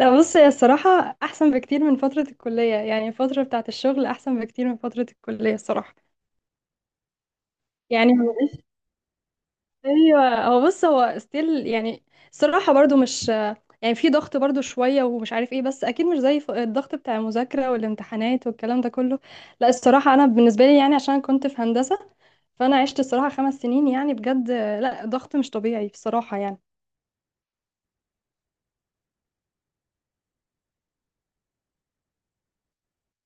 لا، بص هي الصراحة أحسن بكتير من فترة الكلية. يعني الفترة بتاعة الشغل أحسن بكتير من فترة الكلية الصراحة. يعني هو مش، أيوة هو بص هو ستيل يعني. الصراحة برضو مش، يعني في ضغط برضو شوية ومش عارف ايه، بس أكيد مش زي الضغط بتاع المذاكرة والامتحانات والكلام ده كله. لا الصراحة أنا بالنسبة لي يعني عشان كنت في هندسة، فأنا عشت الصراحة خمس سنين يعني بجد، لا ضغط مش طبيعي بصراحة يعني.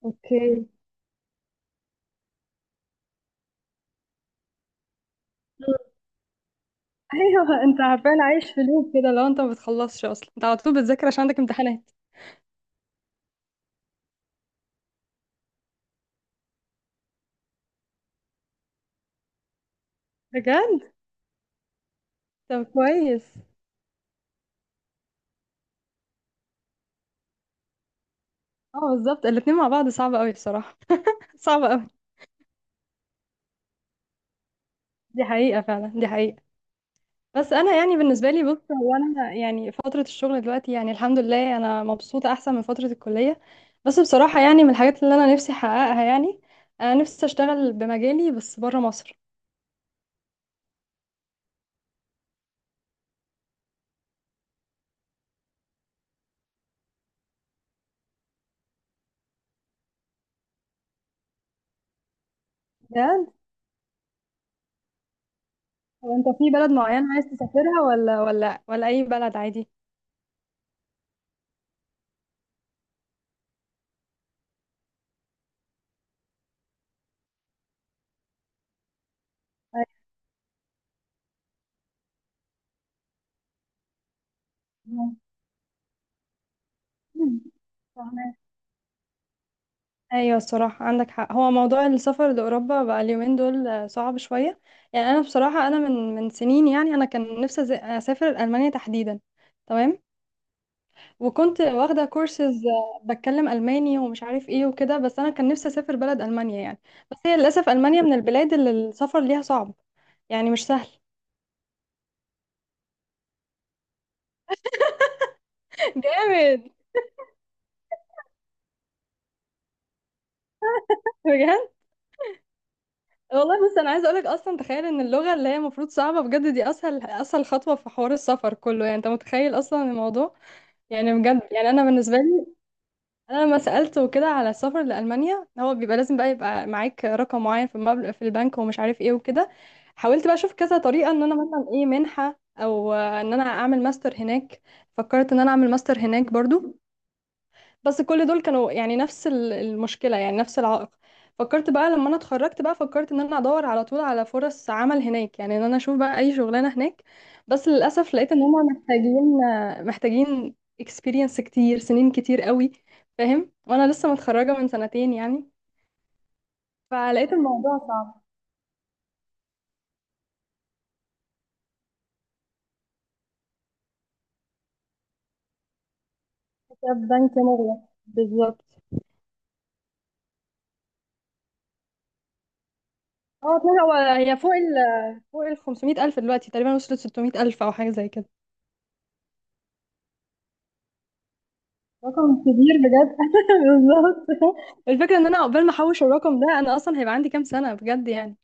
اوكي. ايوه انت عارفين عايش في لوب كده، لو انت ما بتخلصش اصلا انت على طول بتذاكر عشان عندك امتحانات. بجد. طب كويس. اه بالظبط الاتنين مع بعض صعب قوي بصراحة. صعب قوي. دي حقيقة فعلا، دي حقيقة. بس انا يعني بالنسبة لي، بص هو انا يعني فترة الشغل دلوقتي يعني الحمد لله انا مبسوطة احسن من فترة الكلية. بس بصراحة يعني من الحاجات اللي انا نفسي احققها يعني، انا نفسي اشتغل بمجالي بس بره مصر. بجد. طب انت في بلد معين عايز تسافرها ولا اي بلد عادي؟ أيوة. ايوه الصراحه عندك حق، هو موضوع السفر لاوروبا بقى اليومين دول صعب شويه. يعني انا بصراحه انا من سنين يعني انا كان نفسي اسافر المانيا تحديدا. تمام. وكنت واخده كورسز بتكلم الماني ومش عارف ايه وكده، بس انا كان نفسي اسافر بلد المانيا يعني. بس هي للاسف المانيا من البلاد اللي السفر ليها صعب. يعني مش سهل. جامد. بجد والله. بس انا عايزه اقولك اصلا تخيل ان اللغه اللي هي المفروض صعبه بجد دي اسهل اسهل خطوه في حوار السفر كله، يعني انت متخيل اصلا الموضوع. يعني بجد، يعني انا بالنسبه لي انا لما سالته كده على السفر لالمانيا، هو بيبقى لازم بقى يبقى معاك رقم معين في المبلغ في البنك ومش عارف ايه وكده. حاولت بقى اشوف كذا طريقه ان انا مثلا ايه منحه او ان انا اعمل ماستر هناك. فكرت ان انا اعمل ماستر هناك برضو، بس كل دول كانوا يعني نفس المشكلة، يعني نفس العائق. فكرت بقى لما انا اتخرجت بقى فكرت ان انا ادور على طول على فرص عمل هناك يعني، ان انا اشوف بقى اي شغلانة هناك. بس للاسف لقيت ان هم محتاجين محتاجين experience كتير، سنين كتير قوي. فاهم، وانا لسه متخرجة من سنتين يعني. فلقيت الموضوع صعب. حساب بنك مغلق. بالظبط. اه طلع هو هي فوق ال فوق ال 500 ألف دلوقتي تقريبا، وصلت 600 ألف أو حاجة زي كده. رقم كبير بجد. بالظبط. الفكره ان انا عقبال ما احوش الرقم ده انا اصلا هيبقى عندي كام سنه بجد يعني.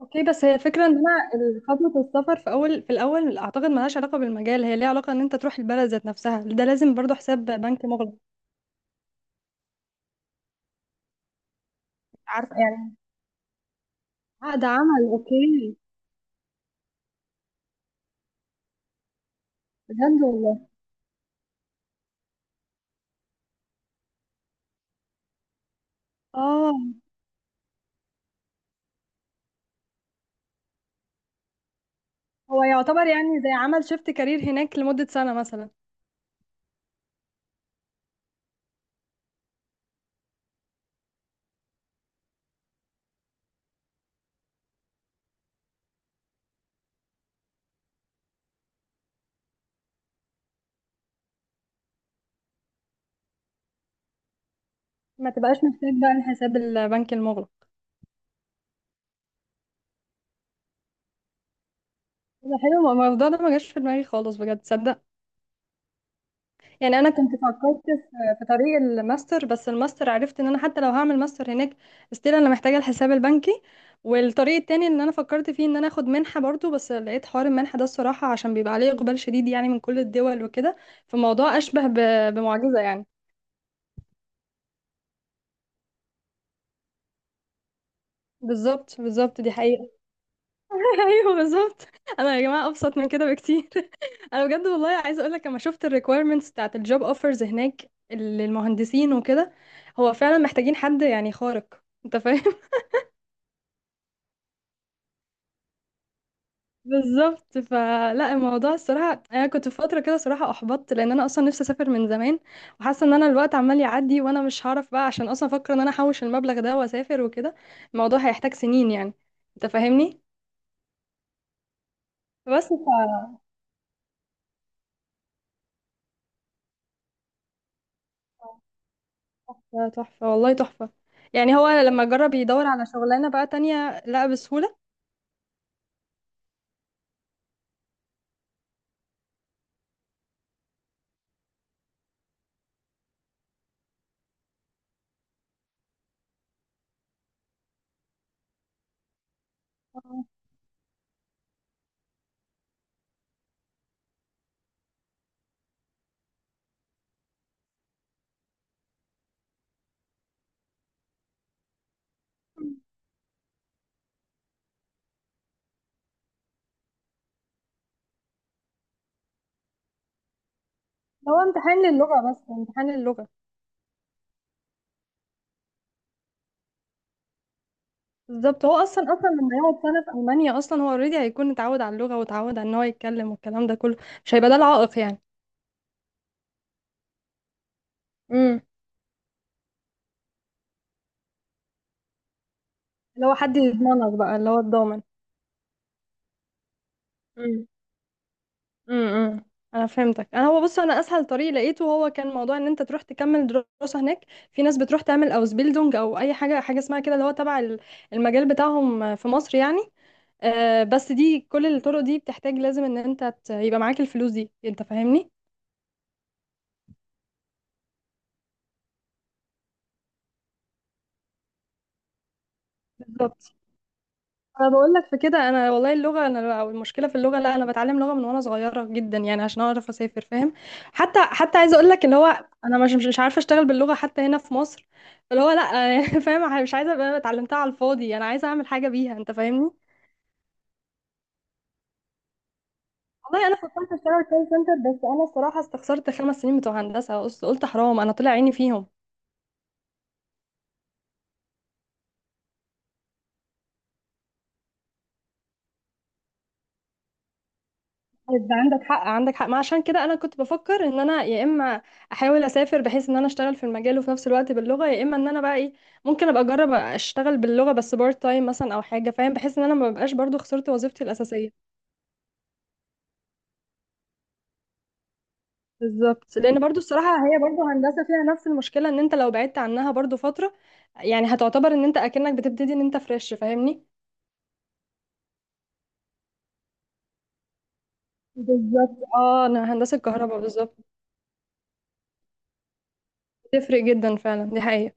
اوكي. بس هي الفكره ان انا خطوه السفر في اول، في الاول اعتقد ملهاش علاقه بالمجال، هي ليها علاقه ان انت تروح البلد ذات نفسها ده لازم برضو حساب بنك مغلق. عارفه يعني. عقد عمل اوكي. بجد والله. اه هو يعتبر يعني زي عمل شيفت كارير هناك لمده سنه مثلا. ما تبقاش محتاج بقى الحساب البنك المغلق. ده حلو، ما الموضوع ده ما جاش في دماغي خالص بجد تصدق. يعني انا كنت فكرت في طريق الماستر، بس الماستر عرفت ان انا حتى لو هعمل ماستر هناك استيل انا محتاجه الحساب البنكي. والطريق التاني ان انا فكرت فيه ان انا اخد منحه برضو، بس لقيت حوار المنحه ده الصراحه عشان بيبقى عليه اقبال شديد يعني من كل الدول وكده. فالموضوع اشبه بمعجزه يعني. بالظبط، بالظبط دي حقيقه. ايوه بالظبط. انا يا جماعه ابسط من كده بكتير. انا بجد والله عايزه اقول لك لما شفت الريكويرمنتس بتاعت الجوب اوفرز هناك للمهندسين وكده، هو فعلا محتاجين حد يعني خارق، انت فاهم. بالظبط. فلا الموضوع الصراحه انا كنت في فتره كده صراحه احبطت، لان انا اصلا نفسي اسافر من زمان. وحاسه ان انا الوقت عمال يعدي وانا مش هعرف بقى، عشان اصلا افكر ان انا احوش المبلغ ده واسافر وكده الموضوع هيحتاج سنين يعني. انت فاهمني. بس ده تحفه والله تحفه. يعني هو لما جرب يدور على شغلانه بقى تانية لقى بسهوله. هو امتحان للغة، بس امتحان للغة. بالظبط، هو اصلا لما يقعد سنة في ألمانيا اصلا هو اوريدي هيكون اتعود على اللغة واتعود على ان هو يتكلم والكلام ده كله. مش هيبقى ده العائق يعني. امم اللي هو حد يضمنك بقى، اللي هو الضامن. امم امم انا فهمتك. انا هو بص انا اسهل طريق لقيته هو كان موضوع ان انت تروح تكمل دراسه هناك. في ناس بتروح تعمل اوزبيلدونج او اي حاجه، حاجه اسمها كده اللي هو تبع المجال بتاعهم في مصر يعني. بس دي كل الطرق دي بتحتاج لازم ان انت يبقى معاك الفلوس دي، انت فاهمني. بالظبط. انا بقول لك في كده انا والله اللغه انا، او المشكله في اللغه، لا انا بتعلم لغه من وانا صغيره جدا يعني عشان اعرف اسافر فاهم. حتى عايزه اقول لك اللي هو انا مش عارفه اشتغل باللغه حتى هنا في مصر اللي هو لا. فاهم، مش عايزه ابقى اتعلمتها على الفاضي، انا عايزه اعمل حاجه بيها، انت فاهمني. والله انا فكرت اشتغل كول سنتر، بس انا الصراحه استخسرت خمس سنين بتوع هندسه، قلت حرام انا طلع عيني فيهم. طيب، عندك حق عندك حق. ما عشان كده انا كنت بفكر ان انا يا اما احاول اسافر بحيث ان انا اشتغل في المجال وفي نفس الوقت باللغه، يا اما ان انا بقى ايه ممكن ابقى اجرب اشتغل باللغه بس بارت تايم مثلا او حاجه فاهم، بحيث ان انا ما ببقاش برضو خسرت وظيفتي الاساسيه. بالظبط، لان برضو الصراحه هي برضو هندسه فيها نفس المشكله، ان انت لو بعدت عنها برضو فتره يعني هتعتبر ان انت اكنك بتبتدي ان انت فريش فاهمني. بالظبط، اه انا هندسه كهرباء بالظبط. بتفرق جدا فعلا، دي حقيقه.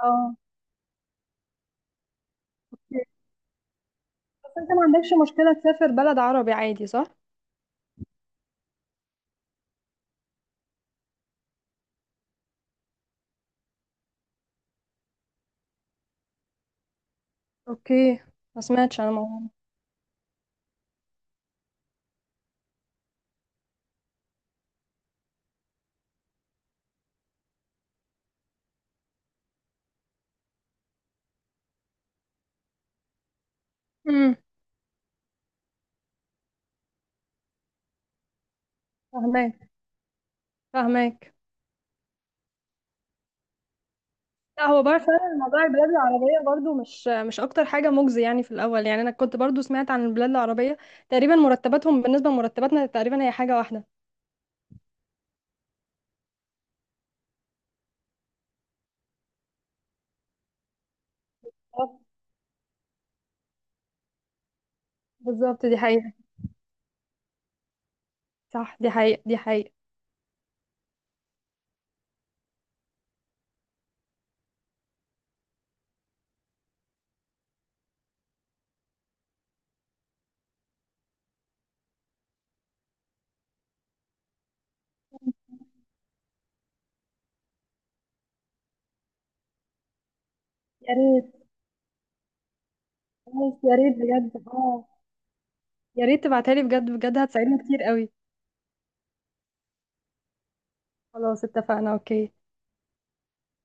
اه انت ما عندكش مشكلة تسافر بلد عربي عادي صح؟ اوكي. ما سمعتش انا الموضوع. امم فهماك، فهماك. لا هو بقى فعلا موضوع البلاد العربية برضو مش أكتر حاجة مجزي يعني في الأول، يعني أنا كنت برضو سمعت عن البلاد العربية تقريبا مرتباتهم بالنسبة لمرتباتنا تقريبا هي حاجة واحدة. آه، بالظبط دي حقيقة. صح دي حقيقة، دي حقيقة. يا ريت. خلاص، يا ريت بجد اه. يا ريت تبعتها لي بجد، بجد هتساعدني كتير قوي. خلاص اتفقنا اوكي.